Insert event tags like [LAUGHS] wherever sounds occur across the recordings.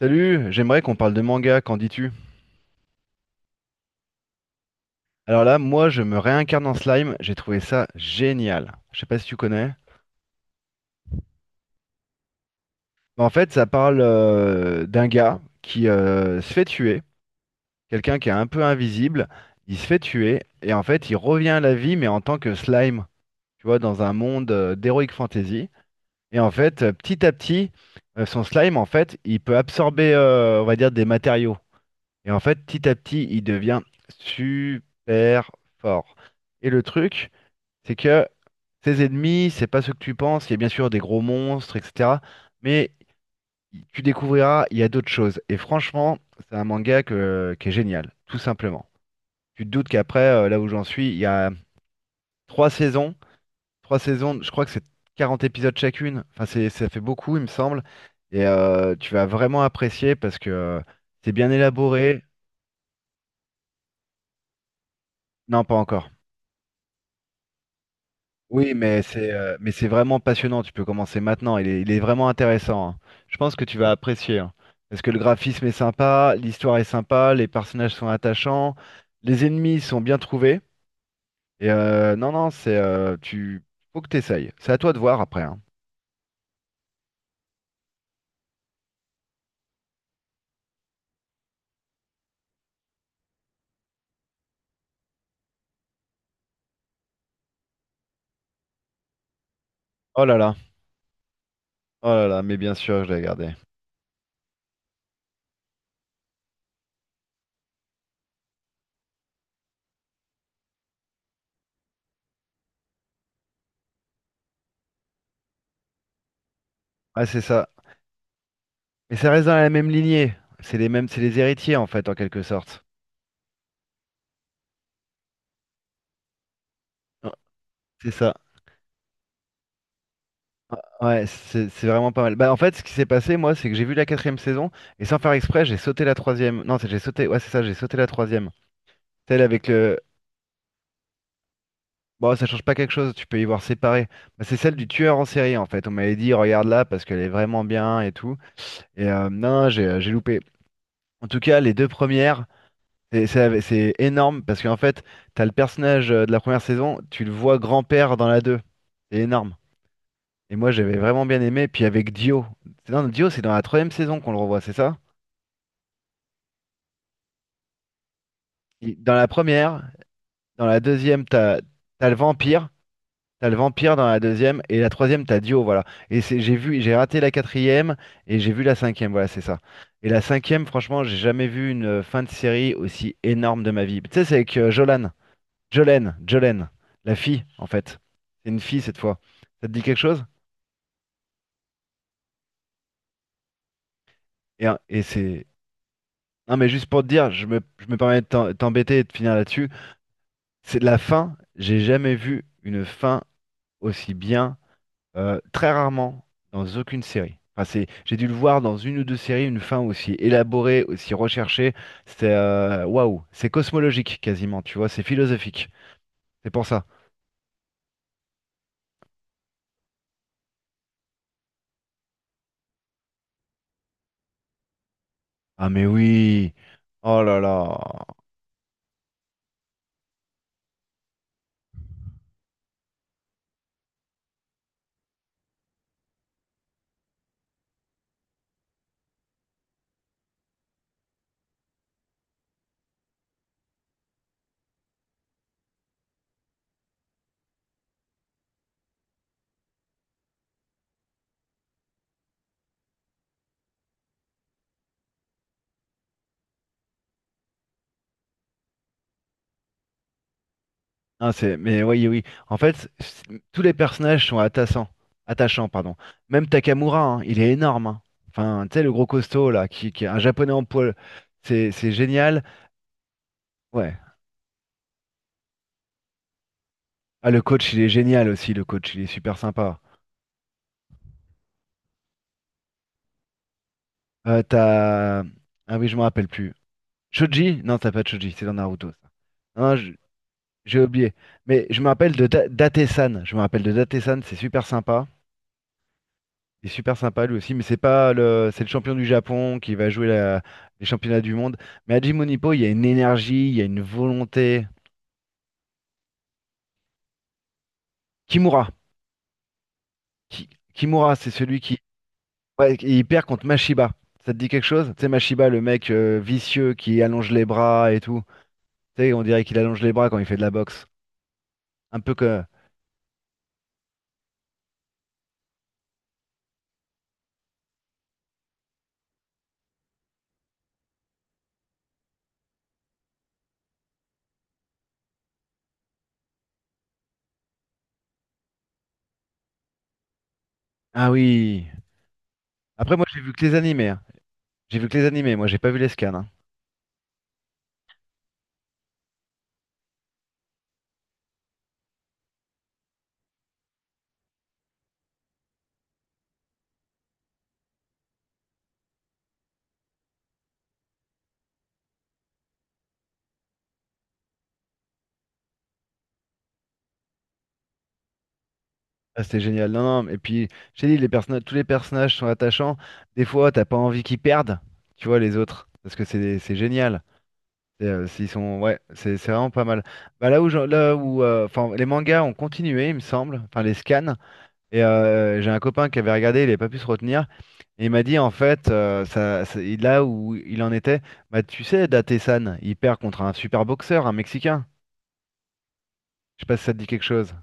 Salut, j'aimerais qu'on parle de manga, qu'en dis-tu? Alors là, moi, je me réincarne en slime, j'ai trouvé ça génial. Je sais pas si tu connais. Mais en fait, ça parle d'un gars qui se fait tuer, quelqu'un qui est un peu invisible, il se fait tuer, et en fait, il revient à la vie, mais en tant que slime, tu vois, dans un monde d'heroic fantasy. Et en fait, petit à petit, son slime, en fait, il peut absorber, on va dire, des matériaux. Et en fait, petit à petit, il devient super fort. Et le truc, c'est que ces ennemis, c'est pas ce que tu penses. Il y a bien sûr des gros monstres, etc. Mais tu découvriras, il y a d'autres choses. Et franchement, c'est un manga qui est génial, tout simplement. Tu te doutes qu'après, là où j'en suis, il y a trois saisons. Trois saisons, je crois que c'est 40 épisodes chacune. Enfin, c'est, ça fait beaucoup, il me semble. Et tu vas vraiment apprécier parce que c'est bien élaboré. Non, pas encore. Oui, mais c'est vraiment passionnant. Tu peux commencer maintenant. Il est vraiment intéressant, hein. Je pense que tu vas apprécier, hein. Parce que le graphisme est sympa, l'histoire est sympa, les personnages sont attachants, les ennemis sont bien trouvés. Et non, non, c'est tu faut que t'essayes. C'est à toi de voir après, hein. Oh là là, oh là là, mais bien sûr, je l'ai gardé. Ah, c'est ça. Mais ça reste dans la même lignée. C'est les mêmes, c'est les héritiers en fait, en quelque sorte. Ouais, c'est ça. Ouais, c'est vraiment pas mal. Bah, en fait, ce qui s'est passé, moi, c'est que j'ai vu la quatrième saison et sans faire exprès, j'ai sauté la troisième. Non, c'est j'ai sauté. Ouais, c'est ça, j'ai sauté la troisième. Celle avec le. Bon, ça change pas quelque chose. Tu peux y voir séparé. Bah, c'est celle du tueur en série, en fait. On m'avait dit, regarde là parce qu'elle est vraiment bien et tout. Et non, j'ai loupé. En tout cas, les deux premières, c'est énorme parce qu'en fait, t'as le personnage de la première saison, tu le vois grand-père dans la deux. C'est énorme. Et moi, j'avais vraiment bien aimé. Puis avec Dio. Non, Dio, c'est dans la troisième saison qu'on le revoit, c'est ça? Dans la première, dans la deuxième, t'as le vampire, t'as le vampire dans la deuxième, et la troisième, t'as Dio, voilà. Et c'est, j'ai vu, j'ai raté la quatrième, et j'ai vu la cinquième, voilà, c'est ça. Et la cinquième, franchement, j'ai jamais vu une fin de série aussi énorme de ma vie. Tu sais, c'est avec Jolan, Jolene, Jolene, la fille, en fait. C'est une fille cette fois. Ça te dit quelque chose? Et c'est. Non, mais juste pour te dire, je me permets de t'embêter et de finir là-dessus. C'est la fin, j'ai jamais vu une fin aussi bien. Très rarement dans aucune série. Enfin, c'est, j'ai dû le voir dans une ou deux séries, une fin aussi élaborée, aussi recherchée. C'est waouh, c'est cosmologique quasiment, tu vois, c'est philosophique. C'est pour ça. Ah mais oui, oh là là, ah, c'est, mais oui oui. En fait, tous les personnages sont attachants, attachants pardon. Même Takamura, hein, il est énorme, hein. Enfin, tu sais le gros costaud là, qui est un japonais en poil, c'est génial. Ouais. Ah, le coach, il est génial aussi. Le coach, il est super sympa. T'as. Ah oui, je me rappelle plus. Choji? Non, t'as pas de Choji, c'est dans Naruto, ça. Non, j'ai oublié. Mais je me rappelle de Date-san. Je me rappelle de Date-san, c'est super sympa. Il est super sympa lui aussi, mais c'est pas le. C'est le champion du Japon qui va jouer les championnats du monde. Mais à Hajime Ippo, il y a une énergie, il y a une volonté. Kimura. Ki- Kimura, c'est celui qui. Ouais, il perd contre Mashiba. Ça te dit quelque chose? Tu sais, Mashiba, le mec vicieux qui allonge les bras et tout. Tu sais, on dirait qu'il allonge les bras quand il fait de la boxe. Un peu que. Ah oui. Après, moi, j'ai vu que les animés, hein. J'ai vu que les animés. Moi, j'ai pas vu les scans, hein. Ah, c'était génial. Non, non. Et puis, j'ai dit, les personnages, tous les personnages sont attachants. Des fois, t'as pas envie qu'ils perdent. Tu vois les autres, parce que c'est génial. Et, s'ils sont, ouais, c'est vraiment pas mal. Bah, là où, j'en- là où, enfin, les mangas ont continué, il me semble. Enfin, les scans. Et j'ai un copain qui avait regardé, il avait pas pu se retenir. Et il m'a dit en fait, là où il en était, bah tu sais, Date-san, il perd contre un super boxeur, un Mexicain. Je sais pas si ça te dit quelque chose.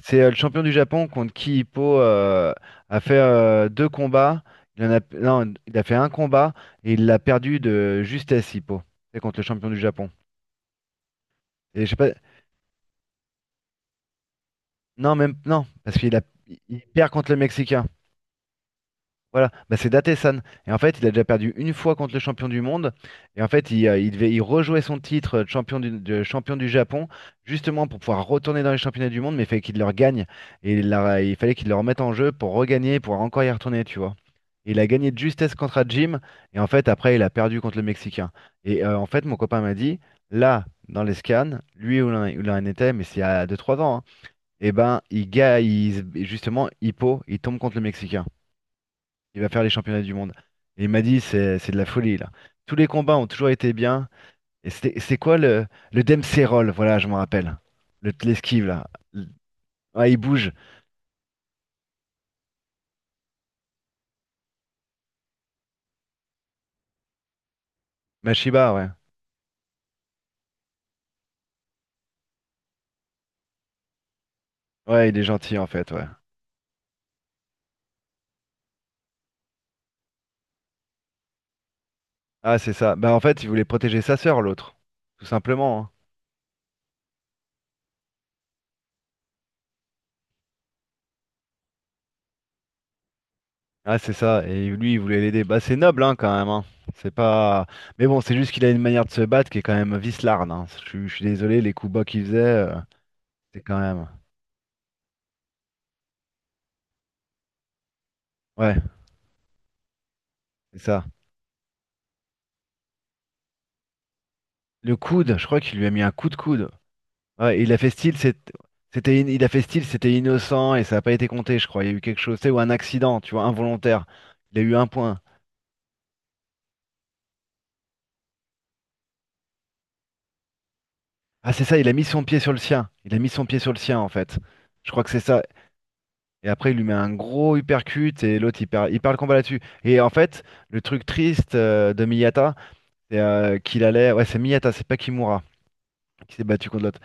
C'est le champion du Japon contre qui Hippo a fait deux combats. Il en a. Non, il a fait un combat et il l'a perdu de justesse, Hippo. C'est contre le champion du Japon. Et je sais pas. Non, même. Non, parce qu'il a, il perd contre le Mexicain. Voilà, bah, c'est Datesan. Et en fait, il a déjà perdu une fois contre le champion du monde. Et en fait, il devait il rejouait son titre de champion du Japon, justement pour pouvoir retourner dans les championnats du monde, mais il fallait qu'il le regagne. Et il fallait qu'il le remette en jeu pour regagner, pour encore y retourner, tu vois. Et il a gagné de justesse contre Jim. Et en fait, après, il a perdu contre le Mexicain. Et en fait, mon copain m'a dit, là, dans les scans, lui où où il en était, mais c'est il y a 2-3 ans, hein, et ben, il, ga- il, se- justement, Hippo, il tombe contre le Mexicain. Il va faire les championnats du monde. Et il m'a dit, c'est de la folie, là. Tous les combats ont toujours été bien. Et c'était c'est quoi le Dempsey Roll, voilà, je m'en rappelle. Le L'esquive, là. Ouais, il bouge. Mashiba, ouais. Ouais, il est gentil, en fait, ouais. Ah, c'est ça. Bah, en fait, il voulait protéger sa sœur, l'autre. Tout simplement, hein. Ah, c'est ça. Et lui, il voulait l'aider. Bah, c'est noble, hein, quand même, hein. C'est pas. Mais bon, c'est juste qu'il a une manière de se battre qui est quand même vicelarde, hein. Je suis désolé, les coups bas qu'il faisait, euh, c'est quand même. Ouais, c'est ça. Le coude, je crois qu'il lui a mis un coup de coude. Ouais, il a fait style, c'était innocent et ça n'a pas été compté, je crois. Il y a eu quelque chose, tu sais, ou un accident, tu vois, involontaire. Il a eu un point. Ah, c'est ça, il a mis son pied sur le sien. Il a mis son pied sur le sien, en fait. Je crois que c'est ça. Et après, il lui met un gros uppercut et l'autre, il perd le combat là-dessus. Et en fait, le truc triste de Miyata, c'est qu'il allait. Ouais, c'est Miyata, c'est pas Kimura qui s'est battu contre l'autre.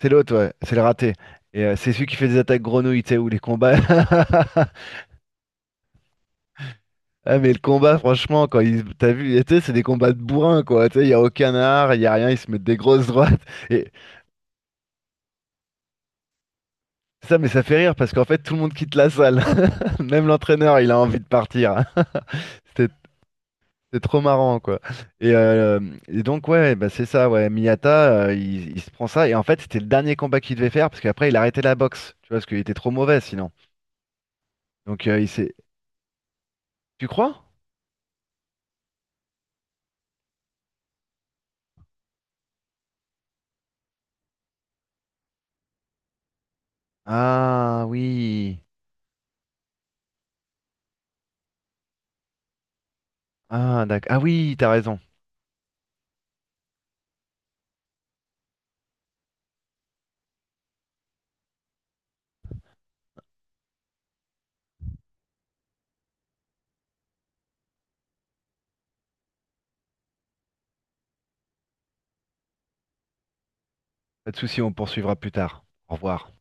C'est l'autre, ouais, c'est le raté. Et c'est celui qui fait des attaques grenouilles, tu sais, ou les combats. [LAUGHS] Ah, mais le combat, franchement, quand ils t'as vu, tu sais, c'est des combats de bourrin, quoi, tu sais, il y a aucun art, il y a rien, ils se mettent des grosses droites, et ça, mais ça fait rire parce qu'en fait tout le monde quitte la salle. [LAUGHS] Même l'entraîneur, il a envie de partir. [LAUGHS] c'était c'était trop marrant, quoi. Et, euh, et donc, ouais, bah c'est ça, ouais, Miyata, il se prend ça et en fait c'était le dernier combat qu'il devait faire parce qu'après il a arrêté la boxe, tu vois, parce qu'il était trop mauvais sinon. Donc il s'est. Tu crois? Ah oui, ah d'accord, ah oui, t'as raison. Pas de souci, on poursuivra plus tard. Au revoir.